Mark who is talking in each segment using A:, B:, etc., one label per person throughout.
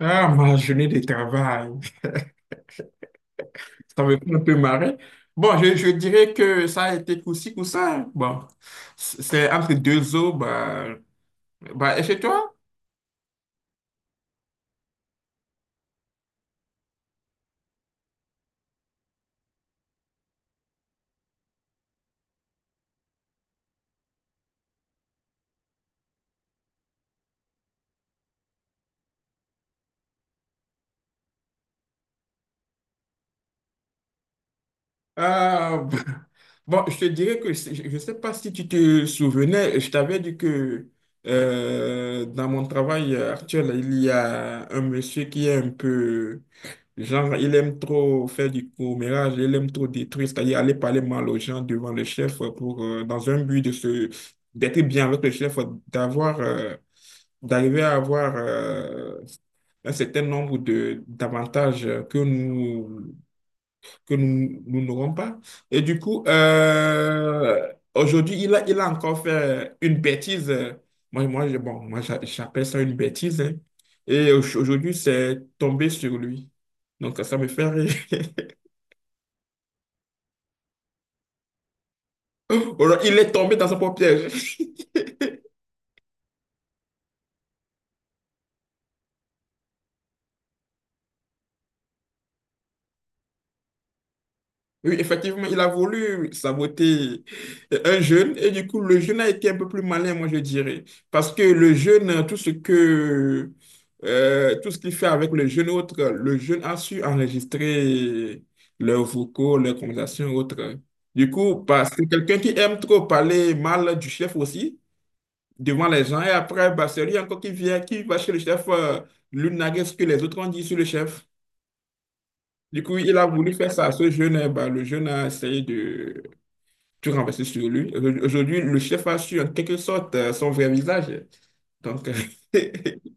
A: Ah, ma journée de travail. Ça me fait un peu marrer. Bon, je dirais que ça a été coup-ci, coup-ça. Bon, c'est entre deux eaux. Bah, et chez toi? Ah, bon, je te dirais que je ne sais pas si tu te souvenais, je t'avais dit que dans mon travail actuel, il y a un monsieur qui est un peu genre, il aime trop faire du commérage, il aime trop détruire, c'est-à-dire aller parler mal aux gens devant le chef pour, dans un but d'être bien avec le chef, d'avoir, euh, d'arriver à avoir, un certain nombre de d'avantages que nous, nous n'aurons pas. Et du coup, aujourd'hui, il a encore fait une bêtise. Moi, bon, moi, j'appelle ça une bêtise, hein. Et aujourd'hui, c'est tombé sur lui. Donc, ça me fait rire. Alors, il est tombé dans son propre piège. Oui, effectivement, il a voulu saboter un jeune et du coup, le jeune a été un peu plus malin, moi je dirais. Parce que le jeune, tout ce qu'il fait avec le jeune autre, le jeune a su enregistrer leurs vocaux, leurs conversations autres. Du coup, bah, c'est quelqu'un qui aime trop parler mal du chef aussi devant les gens et après, bah, c'est lui encore qui vient, qui va chez le chef, lui narguer ce que les autres ont dit sur le chef. Du coup, il a voulu faire ça à ce jeune. Et bah, le jeune a essayé de tu renverses sur lui. Aujourd'hui, le chef a su en quelque sorte son vrai visage. Donc,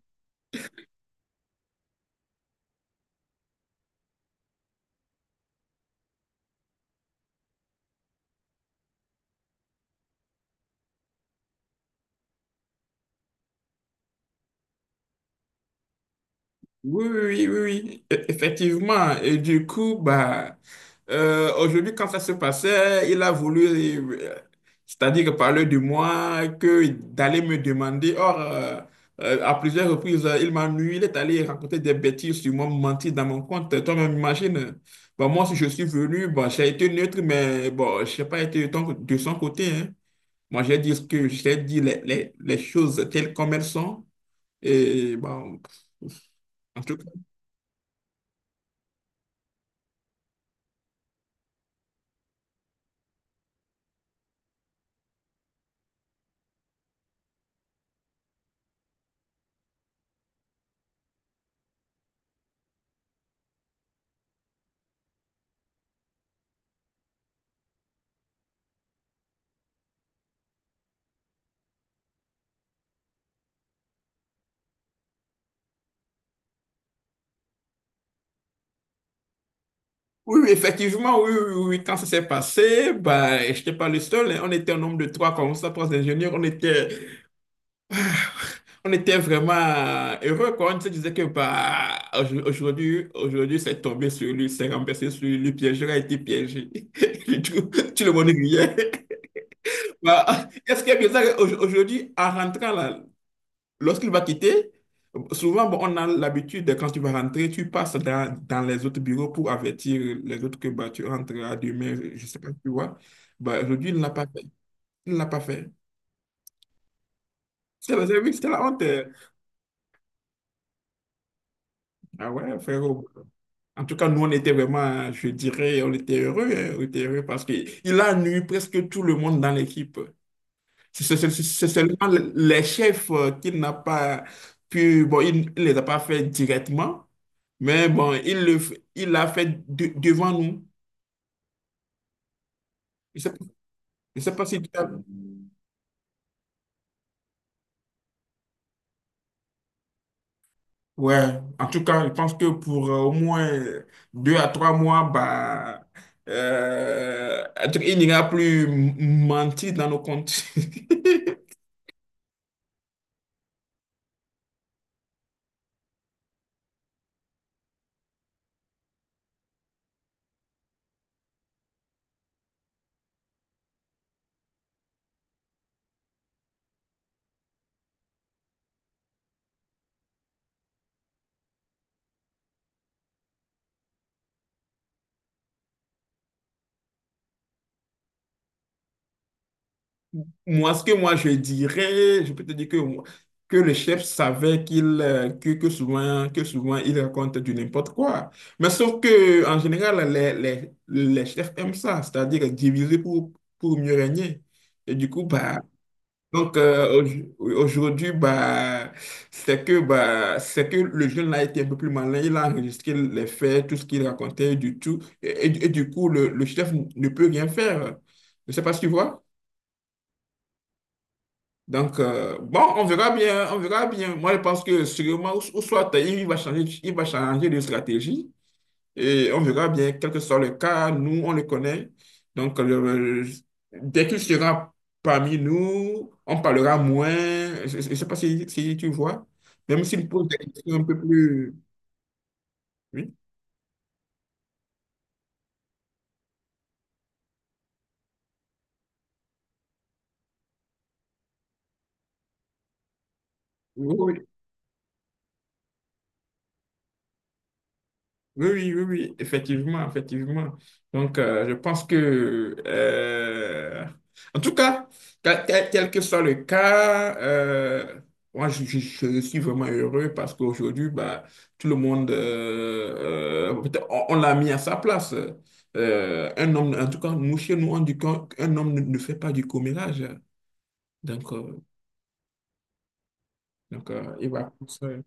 A: oui, oui, oui, oui, effectivement. Et du coup, bah, aujourd'hui, quand ça se passait, c'est-à-dire parler de moi, que d'aller me demander. Or, à plusieurs reprises, il m'a nui, il est allé raconter des bêtises sur moi, me mentir dans mon compte. Toi-même, imagine. Bah, moi, si je suis venu, bah, j'ai été neutre, mais bon, je n'ai pas été de son côté, hein. Moi, j'ai dit ce que j'ai dit, les choses telles comme elles sont. Et bon, en tout cas, oui, oui, effectivement, oui, oui, oui, oui, quand ça s'est passé, bah, je n'étais pas le seul, hein. On était un nombre de trois comme ça, trois ingénieurs. On était, on était vraiment heureux quoi. On se disait que bah, aujourd'hui, c'est tombé sur lui, c'est renversé sur lui, le piégeur a été piégé. Du Tout le monde riait. Bah, est-ce qu'il y a bizarre, aujourd'hui, en rentrant là, lorsqu'il va quitter, souvent, bon, on a l'habitude, de, quand tu vas rentrer, tu passes dans, dans les autres bureaux pour avertir les autres que bah, tu rentres à demain, je ne sais pas, tu vois. Bah, aujourd'hui, il ne l'a pas fait. Il ne l'a pas fait. C'était la, oui, c'était la honte. Ah ouais, frérot. En tout cas, nous, on était vraiment, je dirais, on était heureux, hein, on était heureux parce qu'il a nui presque tout le monde dans l'équipe. C'est seulement les chefs qu'il n'a pas pu, bon, il ne les a pas fait directement. Mais bon, il l'a fait devant nous. Je sais, je sais pas si tu as- Ouais, en tout cas, je pense que pour au moins 2 à 3 mois, bah, euh, il n'ira plus mentir dans nos comptes. Moi, ce que moi je dirais, je peux te dire que, que le chef savait qu'il que souvent il raconte du n'importe quoi. Mais sauf que en général les chefs aiment ça, c'est-à-dire diviser pour, mieux régner. Et du coup bah donc aujourd'hui bah c'est que le jeune là été un peu plus malin, il a enregistré les faits, tout ce qu'il racontait du tout et du coup le chef ne peut rien faire. Je ne sais pas si tu vois. Donc, bon, on verra bien, on verra bien. Moi, je pense que sûrement, ou soit il va changer de stratégie et on verra bien, quel que soit le cas, nous, on le connaît. Donc, dès qu'il sera parmi nous, on parlera moins. Je ne sais pas si tu vois, même s'il pose des questions un peu plus. Oui, oui, oui. Oui, oui, oui, oui, effectivement, effectivement. Donc, je pense que, en tout cas, quel que soit le cas, moi, je suis vraiment heureux parce qu'aujourd'hui, bah, tout le monde, peut-être on l'a mis à sa place. Un homme, en tout cas, nous, chez nous, on dit qu'un homme ne fait pas du commérage. Donc, euh, donc il va plus,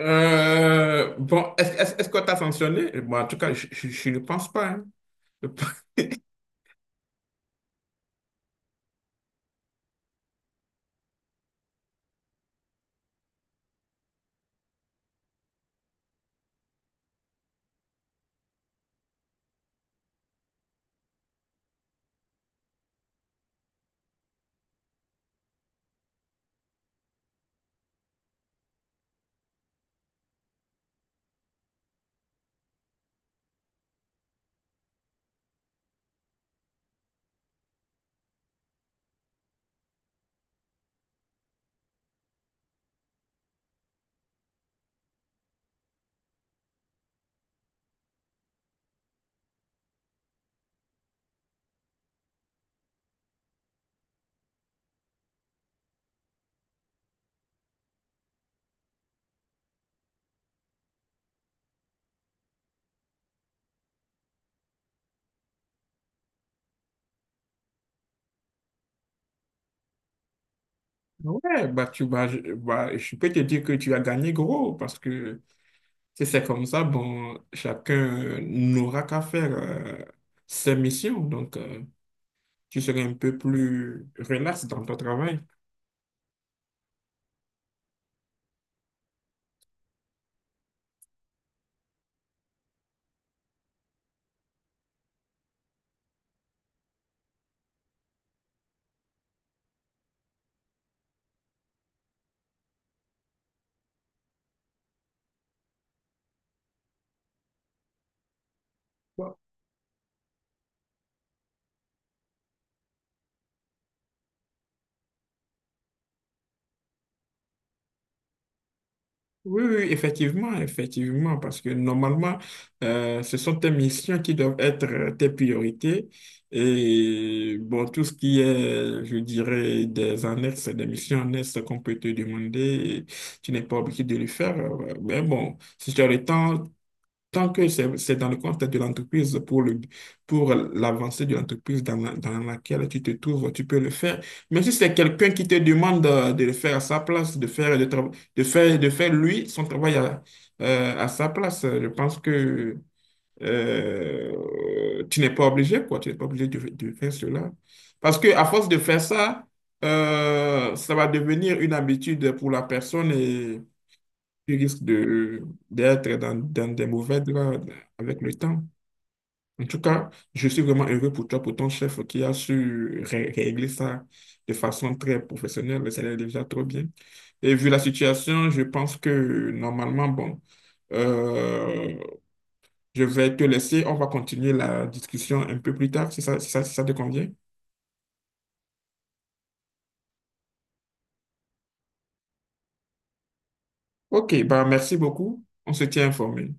A: Bon, est-ce qu'on t'a sanctionné? Bon, en tout cas, je ne pense pas, hein. Ouais, bah, je peux te dire que tu as gagné gros parce que si c'est comme ça, bon, chacun n'aura qu'à faire ses missions. Donc, tu seras un peu plus relax dans ton travail. Oui, oui, effectivement, effectivement, parce que normalement, ce sont tes missions qui doivent être tes priorités. Et bon, tout ce qui est, je dirais, des annexes, des missions annexes qu'on peut te demander, tu n'es pas obligé de le faire. Mais bon, si tu as le temps, tant que c'est dans le contexte de l'entreprise, pour pour l'avancée de l'entreprise dans laquelle tu te trouves, tu peux le faire. Mais si c'est quelqu'un qui te demande de le faire à sa place, de faire lui son travail à sa place, je pense que tu n'es pas obligé, quoi. Tu n'es pas obligé de faire cela. Parce que à force de faire ça, ça va devenir une habitude pour la personne et tu risques d'être dans des mauvais draps avec le temps. En tout cas, je suis vraiment heureux pour toi, pour ton chef qui a su régler ça de façon très professionnelle. Ça allait déjà trop bien. Et vu la situation, je pense que normalement, bon, euh, je vais te laisser. On va continuer la discussion un peu plus tard, si ça te convient. Ok, bah merci beaucoup. On se tient informé.